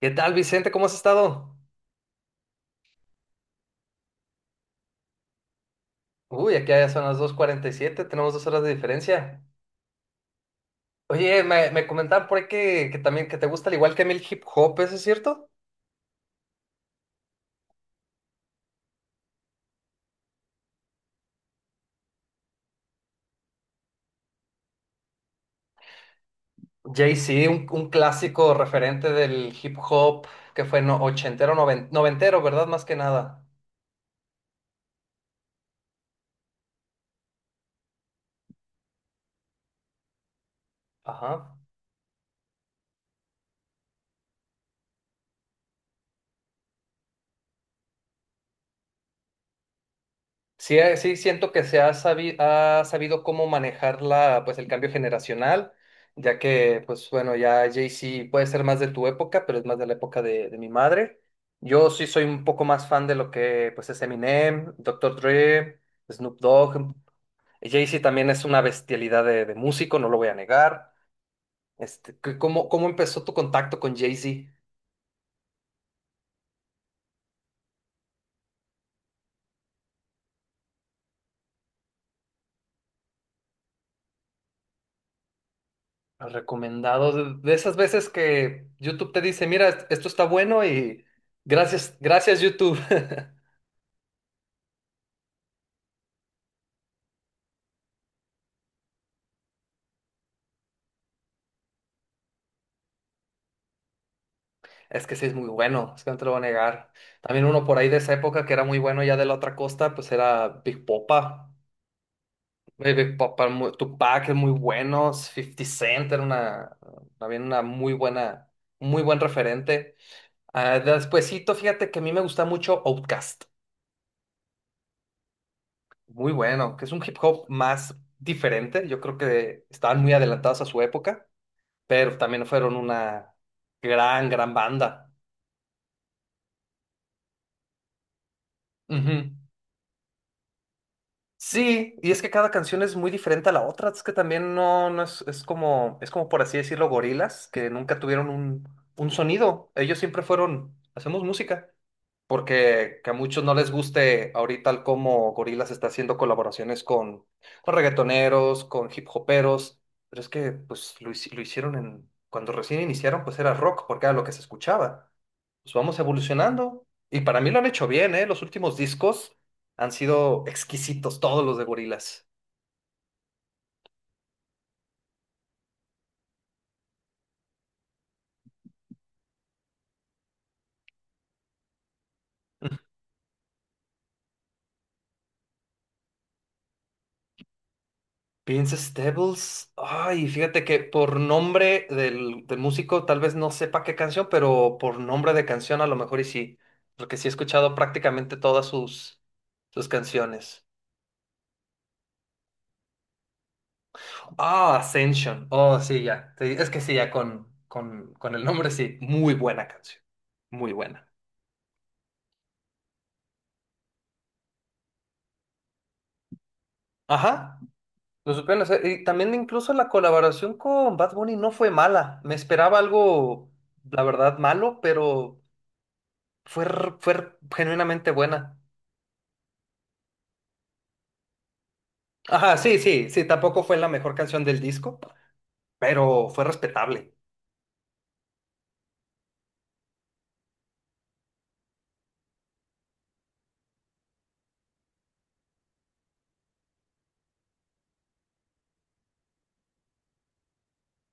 ¿Qué tal, Vicente? ¿Cómo has estado? Uy, aquí ya son las 2:47. Tenemos 2 horas de diferencia. Oye, me comentaban por ahí que también que te gusta al igual que a mí el hip hop, ¿eso es cierto? Jay-Z, un clásico referente del hip hop que fue no, ochentero, noventero, ¿verdad? Más que nada. Ajá. Sí, siento que ha sabido cómo manejar pues, el cambio generacional, ya que, pues bueno, ya Jay-Z puede ser más de tu época, pero es más de la época de mi madre. Yo sí soy un poco más fan de lo que pues, es Eminem, Doctor Dre, Snoop Dogg. Jay-Z también es una bestialidad de músico, no lo voy a negar. ¿Cómo empezó tu contacto con Jay-Z? Recomendado. De esas veces que YouTube te dice, mira, esto está bueno y gracias, gracias YouTube. Es que sí es muy bueno, es que no te lo voy a negar. También uno por ahí de esa época que era muy bueno ya de la otra costa, pues era Big Popa. Big Popa, Tupac es muy bueno, 50 Cent era también una muy buena, muy buen referente. Ah, despuesito, fíjate que a mí me gusta mucho Outkast. Muy bueno, que es un hip hop más diferente. Yo creo que estaban muy adelantados a su época, pero también fueron una gran, gran banda. Ujú. Sí, y es que cada canción es muy diferente a la otra, es que también no, no es, es como por así decirlo, gorilas, que nunca tuvieron un sonido. Ellos siempre fueron, hacemos música, porque que a muchos no les guste ahorita el cómo Gorilas está haciendo colaboraciones con reggaetoneros, con hip hoperos, pero es que pues lo hicieron en, cuando recién iniciaron, pues era rock, porque era lo que se escuchaba. Pues vamos evolucionando, y para mí lo han hecho bien, ¿eh? Los últimos discos. Han sido exquisitos todos los de Gorillaz. Vince Staples. Ay, fíjate que por nombre del músico tal vez no sepa qué canción, pero por nombre de canción a lo mejor y sí. Porque sí he escuchado prácticamente todas sus canciones. Ah, Ascension. Oh, sí, ya. Sí, es que sí, ya con el nombre sí. Muy buena canción. Muy buena. Ajá. Lo supieron hacer. Y también incluso la colaboración con Bad Bunny no fue mala. Me esperaba algo, la verdad, malo, pero fue genuinamente buena. Ajá, sí, sí, sí, tampoco fue la mejor canción del disco, pero fue respetable.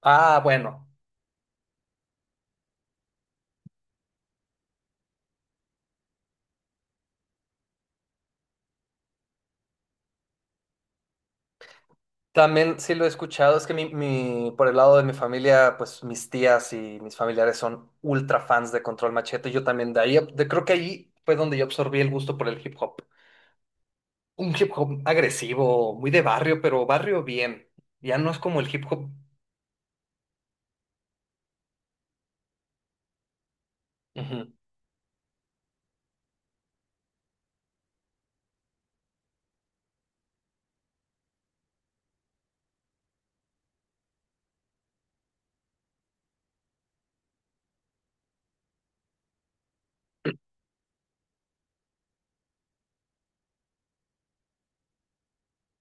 Ah, bueno. También sí lo he escuchado, es que por el lado de mi familia, pues mis tías y mis familiares son ultra fans de Control Machete, yo también de ahí, creo que ahí fue donde yo absorbí el gusto por el hip hop. Un hip hop agresivo, muy de barrio, pero barrio bien. Ya no es como el hip hop. Ujú.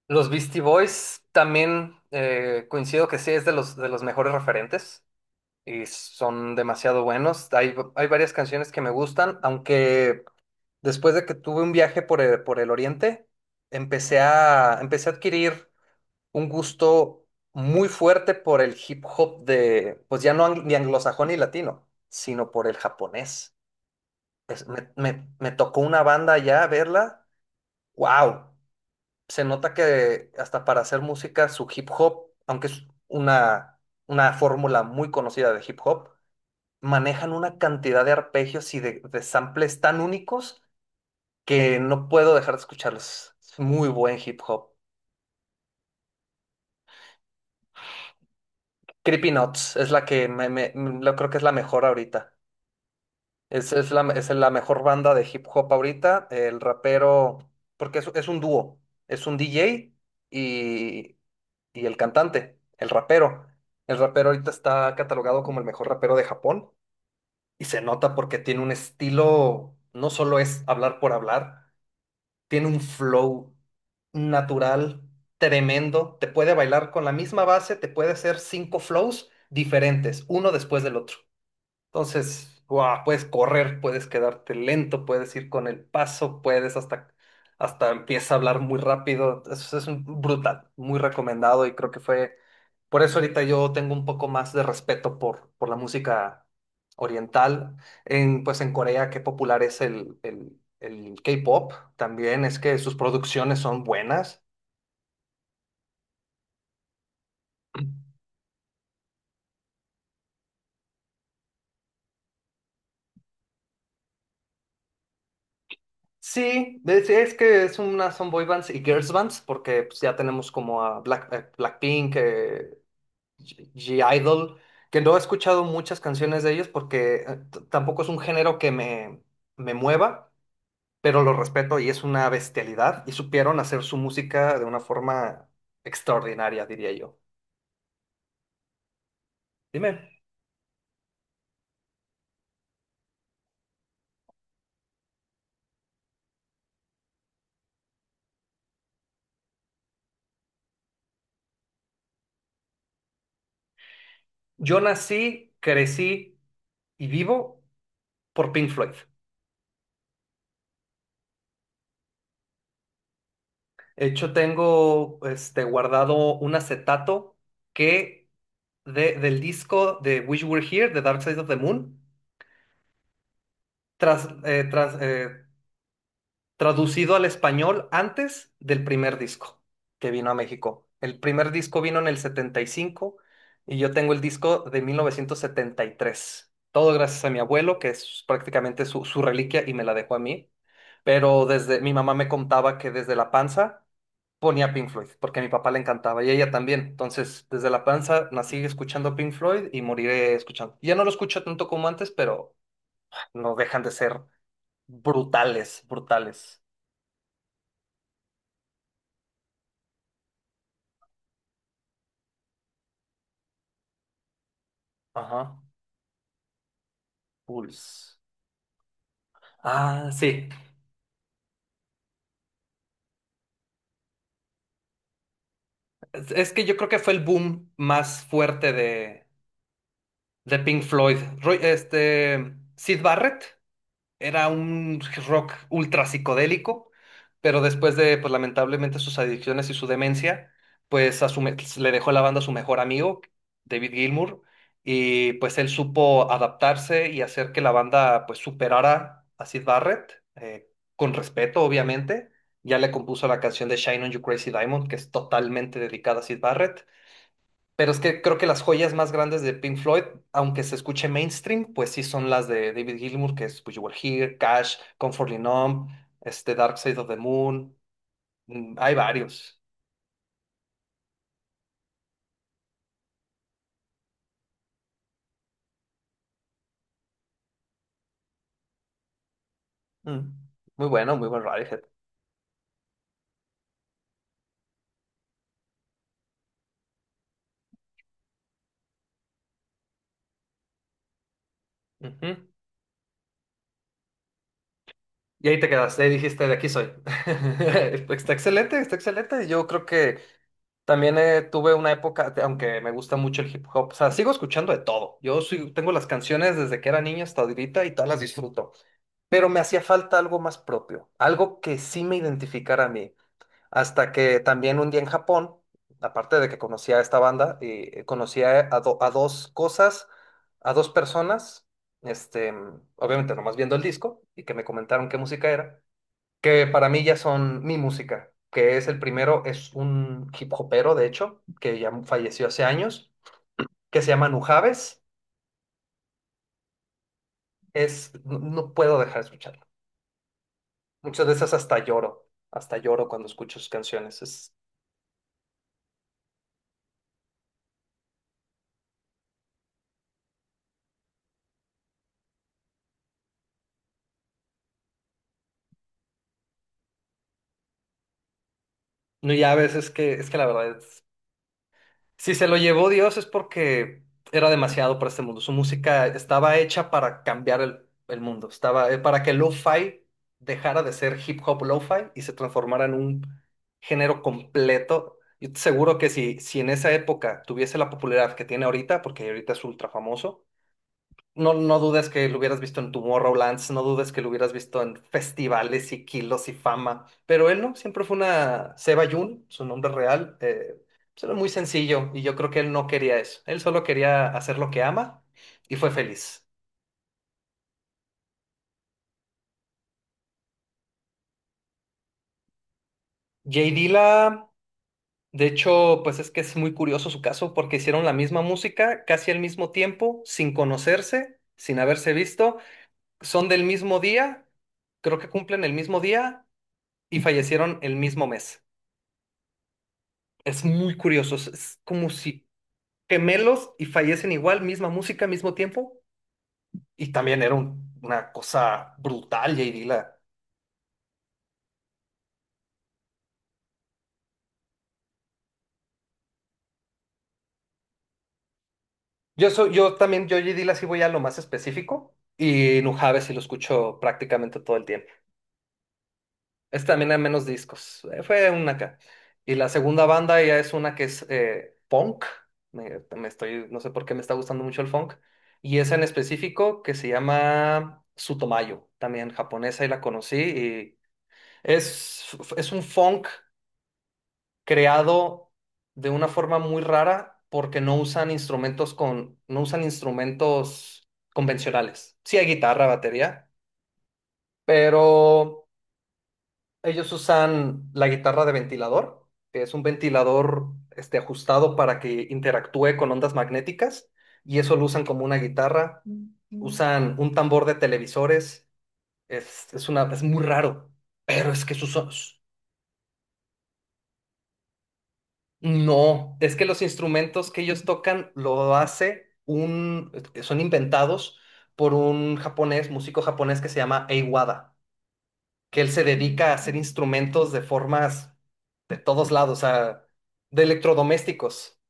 Los Beastie Boys también coincido que sí es de los mejores referentes y son demasiado buenos. Hay varias canciones que me gustan, aunque después de que tuve un viaje por el Oriente, empecé a adquirir un gusto muy fuerte por el hip hop de, pues ya no ni anglosajón ni latino, sino por el japonés. Me tocó una banda ya verla. ¡Wow! Se nota que hasta para hacer música, su hip hop, aunque es una fórmula muy conocida de hip hop, manejan una cantidad de arpegios y de samples tan únicos que no puedo dejar de escucharlos. Es muy buen hip hop. Creepy Nuts es la que lo creo que es la mejor ahorita. Es la mejor banda de hip hop ahorita. El rapero, porque es un dúo, es un DJ y, y el cantante, el rapero. El rapero ahorita está catalogado como el mejor rapero de Japón y se nota porque tiene un estilo, no solo es hablar por hablar, tiene un flow natural, tremendo. Te puede bailar con la misma base, te puede hacer cinco flows diferentes, uno después del otro. Entonces, ¡guau!, puedes correr, puedes quedarte lento, puedes ir con el paso, puedes hasta empieza a hablar muy rápido. Eso es brutal, muy recomendado y creo que fue por eso ahorita yo tengo un poco más de respeto por la música oriental. Pues en Corea, qué popular es el K-pop. También es que sus producciones son buenas. Sí, es que es una son boy bands y girls bands, porque pues, ya tenemos como a Blackpink, G-Idol, que no he escuchado muchas canciones de ellos porque tampoco es un género que me mueva, pero lo respeto y es una bestialidad y supieron hacer su música de una forma extraordinaria, diría yo. Dime, yo nací, crecí y vivo por Pink Floyd. De hecho, tengo guardado un acetato que del disco de Wish You Were Here, de Dark Side of the Moon, tras, eh, tras- eh, traducido al español antes del primer disco que vino a México. El primer disco vino en el 75 y cinco y yo tengo el disco de 1973. Todo gracias a mi abuelo, que es prácticamente su reliquia y me la dejó a mí. Pero desde mi mamá me contaba que desde la panza ponía Pink Floyd, porque a mi papá le encantaba y a ella también. Entonces, desde la panza nací escuchando Pink Floyd y moriré escuchando. Ya no lo escucho tanto como antes, pero no dejan de ser brutales, brutales. Ajá. Pulse. Ah, sí. Es que yo creo que fue el boom más fuerte de Pink Floyd. Sid Barrett. Era un rock ultra psicodélico, pero después de, pues lamentablemente, sus adicciones y su demencia, pues le dejó la banda a su mejor amigo, David Gilmour, y pues él supo adaptarse y hacer que la banda pues superara a Sid Barrett, con respeto, obviamente. Ya le compuso la canción de Shine on You Crazy Diamond, que es totalmente dedicada a Sid Barrett. Pero es que creo que las joyas más grandes de Pink Floyd, aunque se escuche mainstream, pues sí son las de David Gilmour, que es Wish You Were Here, Cash, Comfortably Numb, Dark Side of the Moon. Hay varios. Mm, Muy bueno, muy buen Radiohead. Ujú. Y ahí te quedaste, ahí dijiste, de aquí soy. Está excelente, está excelente. Yo creo que también tuve una época, aunque me gusta mucho el hip hop, o sea, sigo escuchando de todo. Yo sí tengo las canciones desde que era niño hasta ahorita y todas las disfruto. Pero me hacía falta algo más propio, algo que sí me identificara a mí. Hasta que también un día en Japón, aparte de que conocía a esta banda, conocía a dos cosas, a dos personas, este, obviamente nomás viendo el disco y que me comentaron qué música era, que para mí ya son mi música, que es el primero, es un hip hopero, de hecho, que ya falleció hace años, que se llama Nujaves, no no puedo dejar de escucharlo. Muchas veces hasta lloro cuando escucho sus canciones. No, ya a veces que, es que la verdad es, si se lo llevó Dios es porque era demasiado para este mundo. Su música estaba hecha para cambiar el mundo, estaba para que el lo-fi dejara de ser hip hop lo-fi y se transformara en un género completo. Yo te seguro que si en esa época tuviese la popularidad que tiene ahorita, porque ahorita es ultra famoso, no, no dudes que lo hubieras visto en Tomorrowlands, no dudes que lo hubieras visto en festivales y kilos y fama, pero él no, siempre fue una Seba Yun, su nombre real, pues era muy sencillo y yo creo que él no quería eso, él solo quería hacer lo que ama y fue feliz. Jay Dilla, de hecho, pues es que es muy curioso su caso porque hicieron la misma música casi al mismo tiempo, sin conocerse, sin haberse visto, son del mismo día, creo que cumplen el mismo día y fallecieron el mismo mes. Es muy curioso, es como si gemelos y fallecen igual, misma música, mismo tiempo. Y también era una cosa brutal, J. Dilla. Yo también, yo J. Dilla sí voy a lo más específico y Nujabes sí lo escucho prácticamente todo el tiempo. Es también hay menos discos, fue una acá. Y la segunda banda ya es una que es funk, no sé por qué me está gustando mucho el funk. Y esa en específico que se llama Sutomayo, también japonesa y la conocí. Es, es un funk creado de una forma muy rara porque no usan instrumentos no usan instrumentos convencionales. Sí hay guitarra, batería, pero ellos usan la guitarra de ventilador, que es un ventilador ajustado para que interactúe con ondas magnéticas, y eso lo usan como una guitarra. Usan un tambor de televisores. Es es muy raro, pero es que sus, no, es que los instrumentos que ellos tocan lo hace son inventados por un japonés, músico japonés que se llama Eiwada, que él se dedica a hacer instrumentos de formas de todos lados, o sea, de electrodomésticos.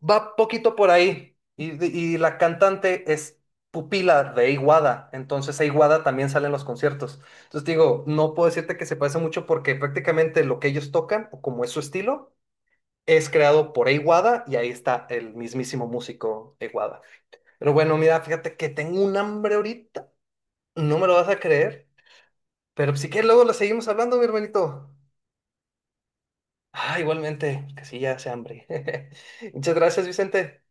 Va poquito por ahí. Y la cantante es pupila de Eiwada, entonces Eiwada también sale en los conciertos. Entonces digo, no puedo decirte que se parece mucho porque prácticamente lo que ellos tocan, o como es su estilo, es creado por Eiwada y ahí está el mismísimo músico Eiwada. Pero bueno, mira, fíjate que tengo un hambre ahorita, no me lo vas a creer, pero si quieres luego lo seguimos hablando, mi hermanito. Ah, igualmente, que sí, ya hace hambre. Muchas gracias, Vicente.